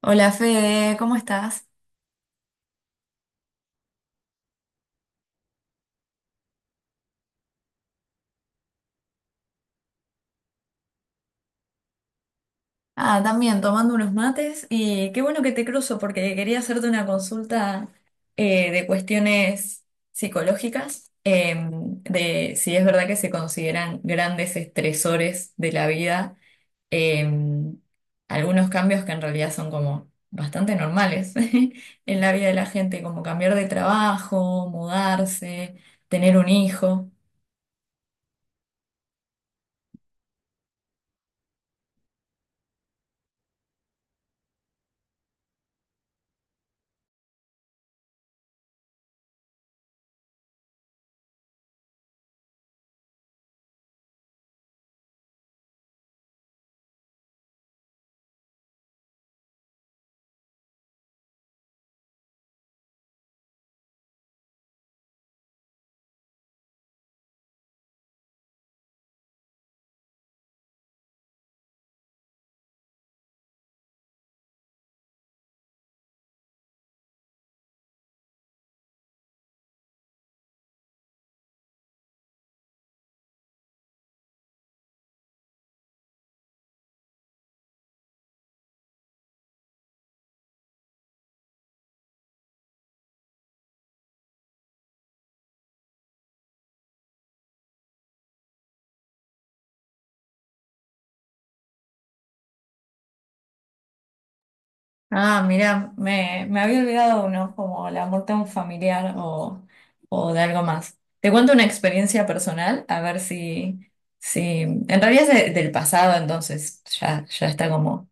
Hola Fede, ¿cómo estás? Ah, también tomando unos mates y qué bueno que te cruzo porque quería hacerte una consulta, de cuestiones psicológicas, de si es verdad que se consideran grandes estresores de la vida, eh, algunos cambios que en realidad son como bastante normales en la vida de la gente, como cambiar de trabajo, mudarse, tener un hijo. Ah, mira, me había olvidado uno, como la muerte de un familiar o de algo más. Te cuento una experiencia personal, a ver si, si en realidad es del pasado, entonces ya, ya está como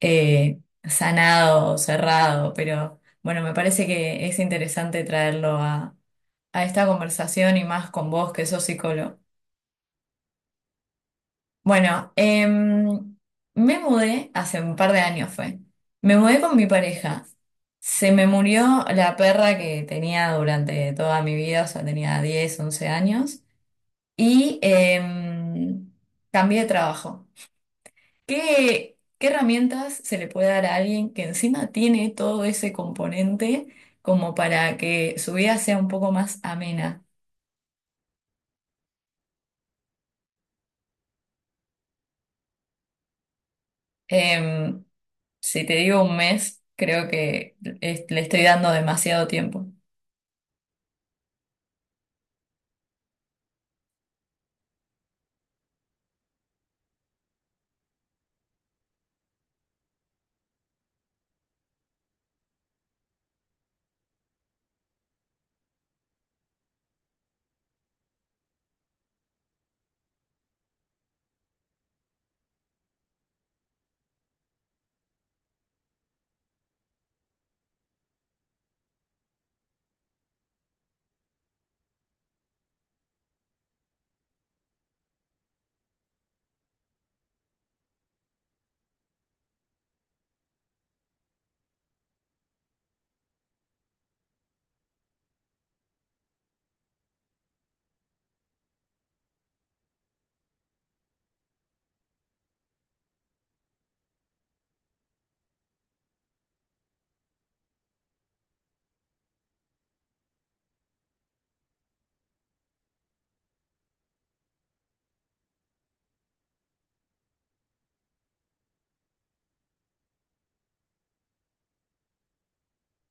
sanado, cerrado, pero bueno, me parece que es interesante traerlo a esta conversación y más con vos que sos psicólogo. Bueno, me mudé hace un par de años fue. Me mudé con mi pareja. Se me murió la perra que tenía durante toda mi vida, o sea, tenía 10 11 años. Y cambié de trabajo. ¿Qué, qué herramientas se le puede dar a alguien que encima tiene todo ese componente como para que su vida sea un poco más amena? Em, si te digo un mes, creo que le estoy dando demasiado tiempo.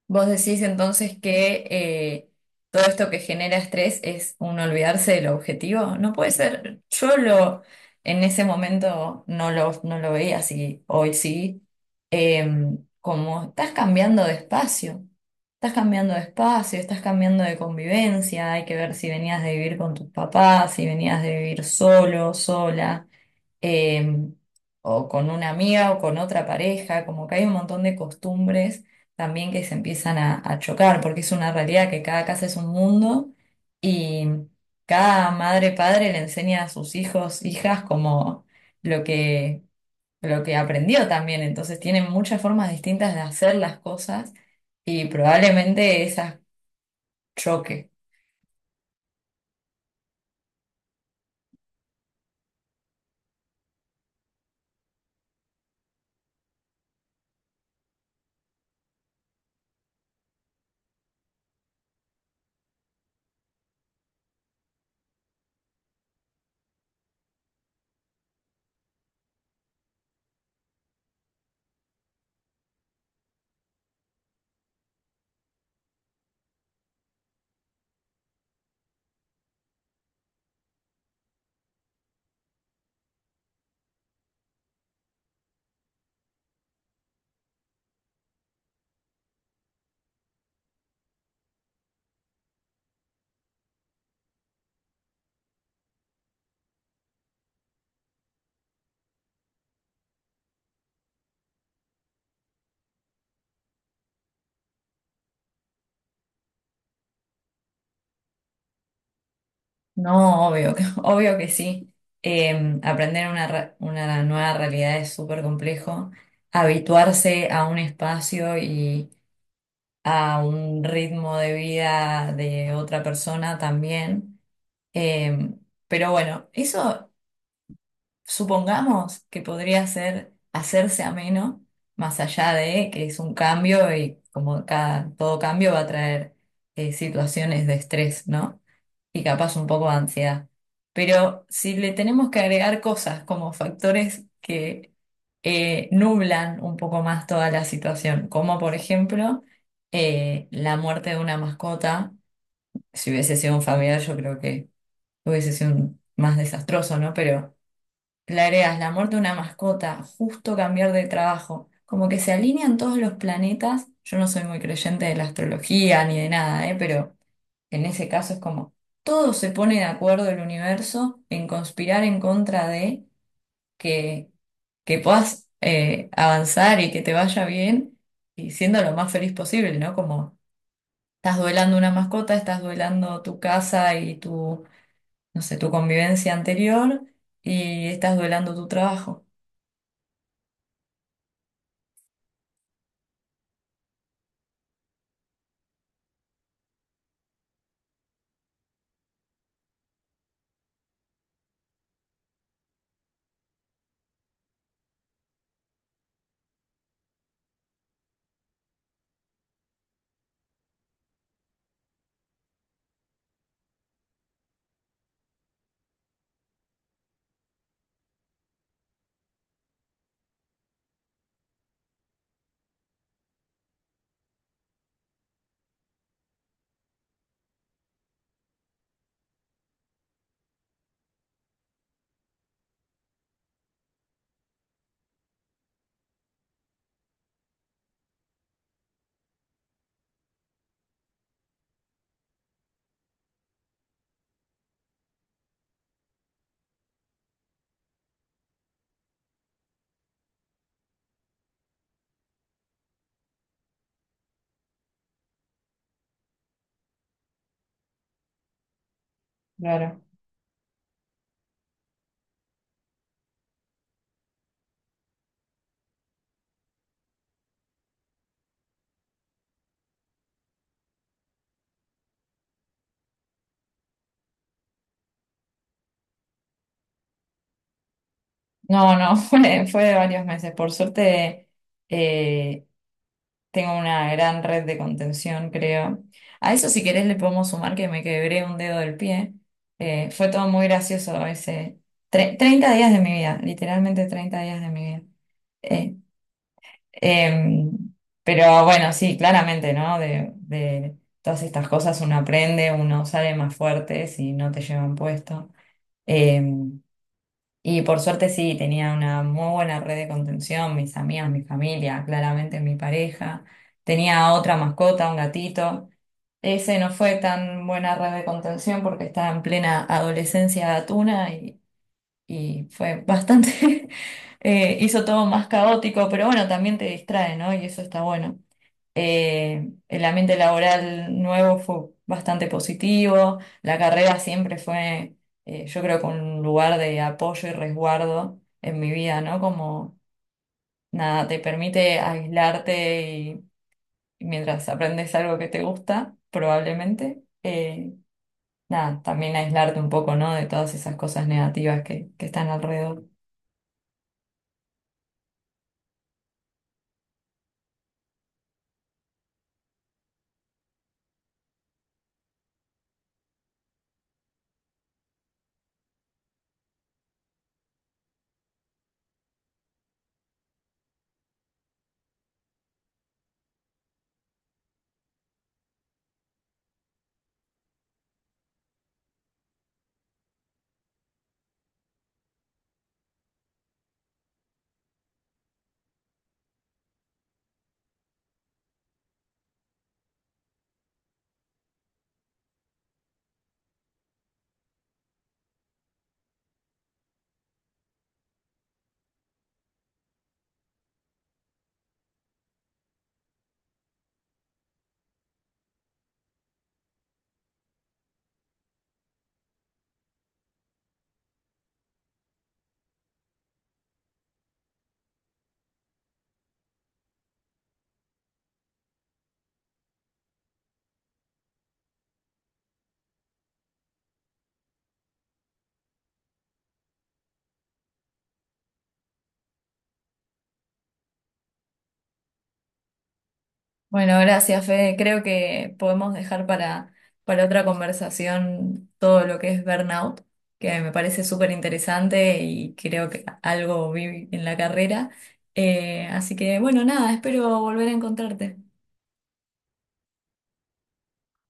Vos decís entonces que todo esto que genera estrés es un olvidarse del objetivo. No puede ser. Yo lo en ese momento no lo, no lo veía así. Hoy sí. Como estás cambiando de espacio. Estás cambiando de espacio, estás cambiando de convivencia. Hay que ver si venías de vivir con tus papás, si venías de vivir solo, sola, eh, o con una amiga o con otra pareja, como que hay un montón de costumbres también que se empiezan a chocar, porque es una realidad que cada casa es un mundo y cada madre padre le enseña a sus hijos, hijas, como lo que, lo que aprendió también, entonces tienen muchas formas distintas de hacer las cosas y probablemente esas choque. No, obvio, obvio que sí. Aprender una, una nueva realidad es súper complejo. Habituarse a un espacio y a un ritmo de vida de otra persona también. Eh, pero bueno, eso supongamos que podría ser hacerse ameno, más allá de que es un cambio y como cada, todo cambio va a traer, situaciones de estrés, ¿no? Y capaz un poco de ansiedad. Pero si le tenemos que agregar cosas como factores que nublan un poco más toda la situación, como por ejemplo, la muerte de una mascota, si hubiese sido un familiar yo creo que hubiese sido más desastroso, ¿no? Pero le agregas la muerte de una mascota, justo cambiar de trabajo, como que se alinean todos los planetas. Yo no soy muy creyente de la astrología ni de nada, ¿eh? Pero en ese caso es como todos se pone de acuerdo el universo en conspirar en contra de que, que puedas, avanzar y que te vaya bien y siendo lo más feliz posible, ¿no? Como estás duelando una mascota, estás duelando tu casa y tu, no sé, tu convivencia anterior y estás duelando tu trabajo. Claro. No, no, fue, fue de varios meses. Por suerte, eh, tengo una gran red de contención, creo. A eso, si querés, le podemos sumar que me quebré un dedo del pie. Fue todo muy gracioso ese. 30 días de mi vida, literalmente 30 días de mi vida. Eh, em, pero bueno, sí, claramente, ¿no? De todas estas cosas uno aprende, uno sale más fuerte si no te llevan puesto. Em, y por suerte sí, tenía una muy buena red de contención, mis amigas, mi familia, claramente mi pareja. Tenía otra mascota, un gatito. Ese no fue tan buena red de contención porque estaba en plena adolescencia gatuna y fue bastante, hizo todo más caótico, pero bueno, también te distrae, ¿no? Y eso está bueno. El ambiente laboral nuevo fue bastante positivo. La carrera siempre fue, yo creo que un lugar de apoyo y resguardo en mi vida, ¿no? Como nada, te permite aislarte y mientras aprendes algo que te gusta, probablemente, nada, también aislarte un poco, ¿no? De todas esas cosas negativas que están alrededor. Bueno, gracias, Fede. Creo que podemos dejar para otra conversación todo lo que es burnout, que me parece súper interesante y creo que algo vi en la carrera. Así que, bueno, nada, espero volver a encontrarte.